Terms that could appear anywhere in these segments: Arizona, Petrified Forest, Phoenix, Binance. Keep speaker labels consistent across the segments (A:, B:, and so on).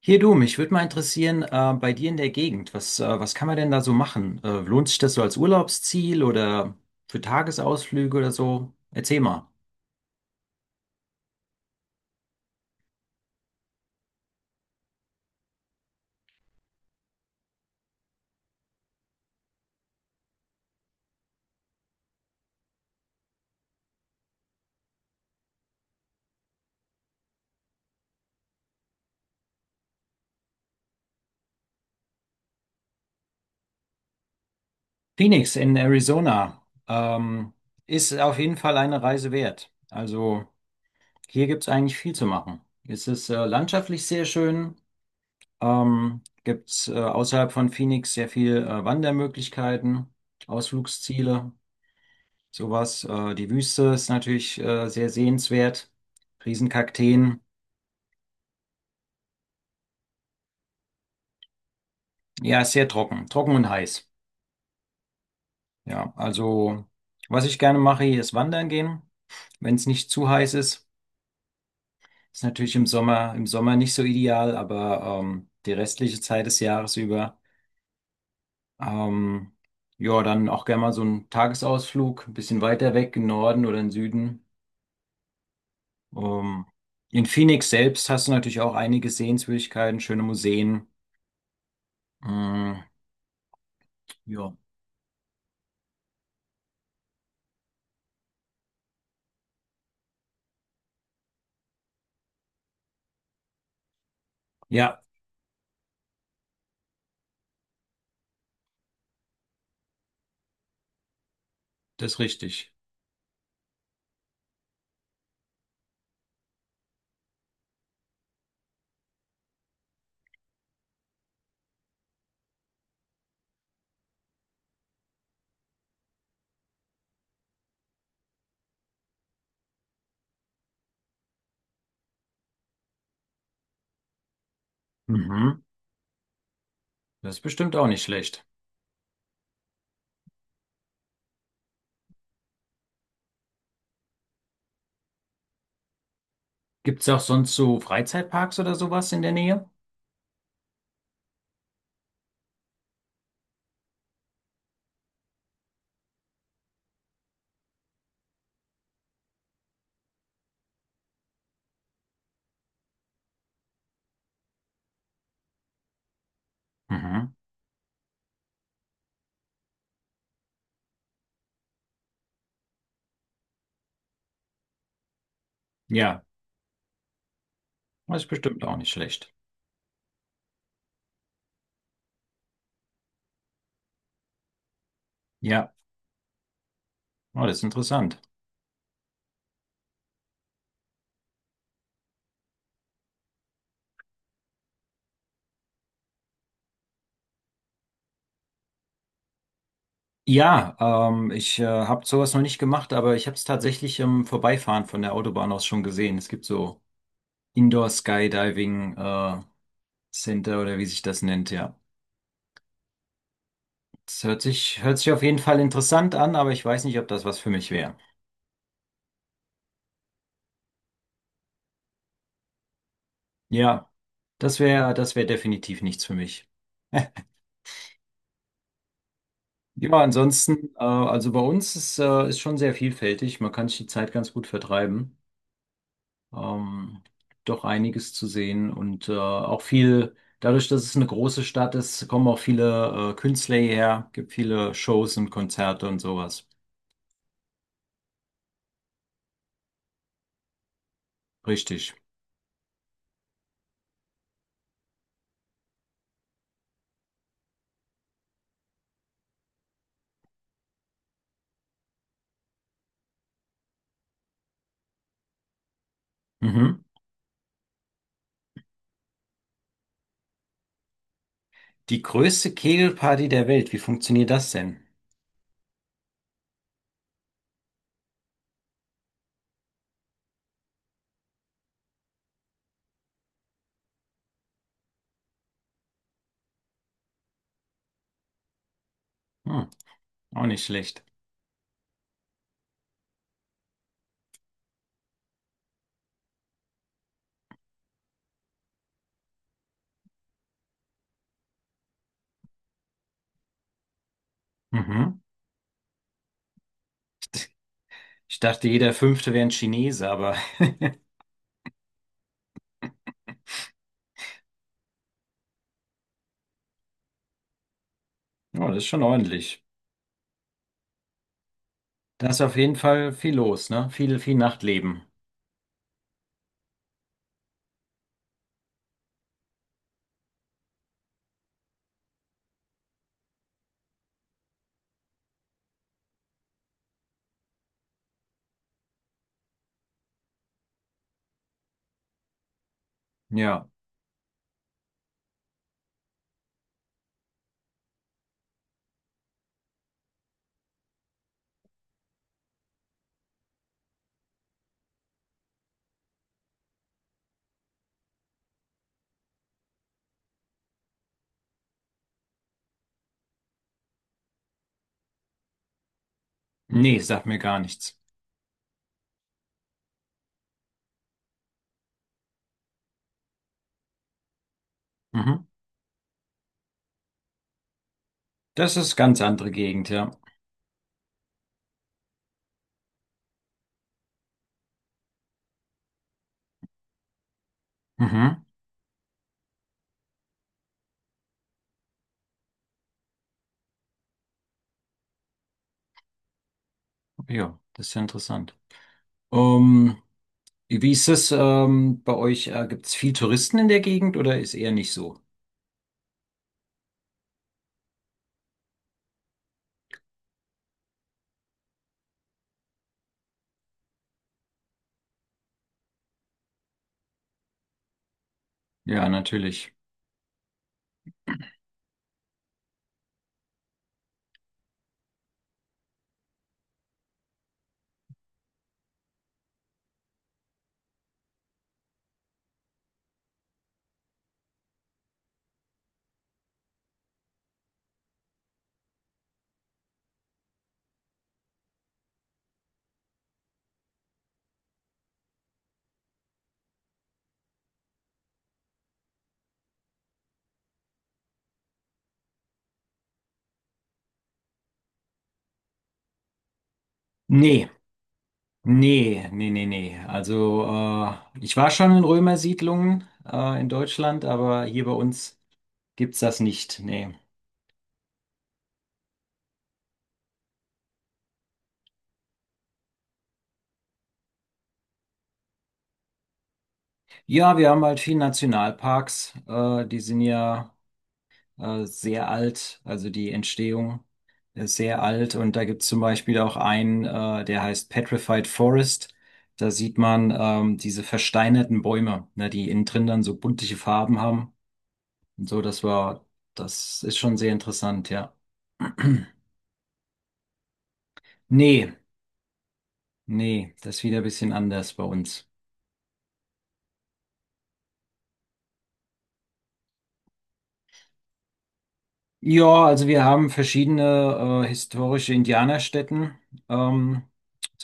A: Hier du, mich würde mal interessieren, bei dir in der Gegend, was kann man denn da so machen? Lohnt sich das so als Urlaubsziel oder für Tagesausflüge oder so? Erzähl mal. Phoenix in Arizona, ähm, ist auf jeden Fall eine Reise wert. Also hier gibt es eigentlich viel zu machen. Es ist landschaftlich sehr schön, gibt es außerhalb von Phoenix sehr viel Wandermöglichkeiten, Ausflugsziele. Sowas. Die Wüste ist natürlich sehr sehenswert. Riesenkakteen. Ja, ist sehr trocken. Trocken und heiß. Ja, also was ich gerne mache, hier ist wandern gehen, wenn es nicht zu heiß ist. Ist natürlich im Sommer nicht so ideal, aber die restliche Zeit des Jahres über. Ähm, ja, dann auch gerne mal so einen Tagesausflug, ein bisschen weiter weg, im Norden oder im Süden. Ähm, in Phoenix selbst hast du natürlich auch einige Sehenswürdigkeiten, schöne Museen. Mm, ja. Ja, das ist richtig. Mhm. Das ist bestimmt auch nicht schlecht. Gibt es auch sonst so Freizeitparks oder sowas in der Nähe? Mhm. Ja, das ist bestimmt auch nicht schlecht. Ja, oh, das ist interessant. Ja, ich habe sowas noch nicht gemacht, aber ich habe es tatsächlich im Vorbeifahren von der Autobahn aus schon gesehen. Es gibt so Indoor Skydiving Center oder wie sich das nennt, ja. Hört sich auf jeden Fall interessant an, aber ich weiß nicht, ob das was für mich wäre. Ja, das wäre definitiv nichts für mich. Ja, ansonsten, also bei uns ist schon sehr vielfältig. Man kann sich die Zeit ganz gut vertreiben. Ähm, Doch einiges zu sehen und auch viel, dadurch, dass es eine große Stadt ist, kommen auch viele Künstler hierher, gibt viele Shows und Konzerte und sowas. Richtig. Mhm. Die größte Kegelparty der Welt, wie funktioniert das denn? Hm, auch nicht schlecht. Mhm. Ich dachte, jeder Fünfte wäre ein Chinese, aber ja, das ist schon ordentlich. Da ist auf jeden Fall viel los, ne? Viel Nachtleben. Ja, nee, sagt mir gar nichts. Mhm. Das ist ganz andere Gegend, ja. Mhm. Ja, das ist ja interessant. Ähm, Wie ist es bei euch? Gibt es viel Touristen in der Gegend oder ist eher nicht so? Ja, natürlich. Nee, nee, nee, nee, nee. Also ich war schon in Römersiedlungen in Deutschland, aber hier bei uns gibt's das nicht. Nee. Ja, wir haben halt viele Nationalparks. Die sind ja sehr alt, also die Entstehung ist sehr alt und da gibt es zum Beispiel auch einen, der heißt Petrified Forest. Da sieht man diese versteinerten Bäume, ne, die innen drin dann so buntliche Farben haben. Und so, das war, das ist schon sehr interessant, ja. Nee, nee, das ist wieder ein bisschen anders bei uns. Ja, also wir haben verschiedene historische Indianerstätten, ähm,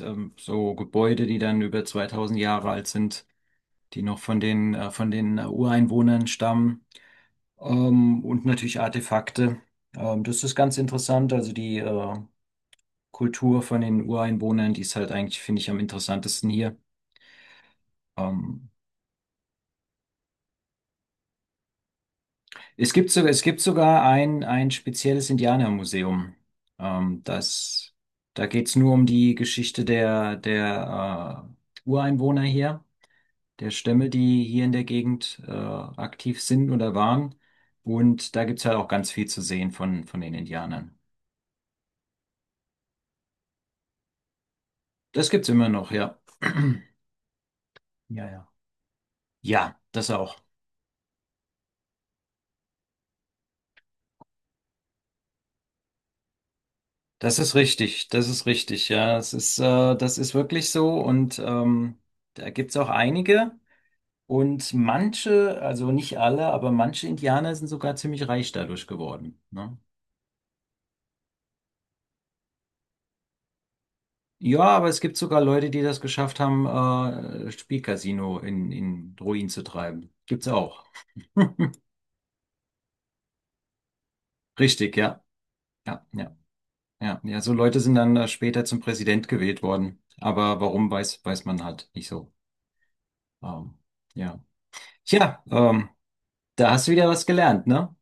A: so Gebäude, die dann über 2000 Jahre alt sind. Die noch von den Ureinwohnern stammen. Und natürlich Artefakte. Das ist ganz interessant. Also die Kultur von den Ureinwohnern, die ist halt eigentlich, finde ich, am interessantesten hier. Ähm, es gibt sogar ein spezielles Indianermuseum. Ähm, das, da geht's nur um die Geschichte der Ureinwohner hier. Der Stämme, die hier in der Gegend aktiv sind oder waren. Und da gibt's halt auch ganz viel zu sehen von den Indianern. Das gibt's immer noch, ja. Ja, ja. Ja, das auch. Das ist richtig, ja. Das ist wirklich so und da gibt's auch einige. Und manche, also nicht alle, aber manche Indianer sind sogar ziemlich reich dadurch geworden. Ne? Ja, aber es gibt sogar Leute, die das geschafft haben, Spielcasino in Ruin zu treiben. Gibt's auch. Richtig, ja. Ja, ja, ja. Ja, so Leute sind dann später zum Präsident gewählt worden. Aber warum, weiß man halt nicht so. Ähm, ja. Tja, da hast du wieder was gelernt, ne?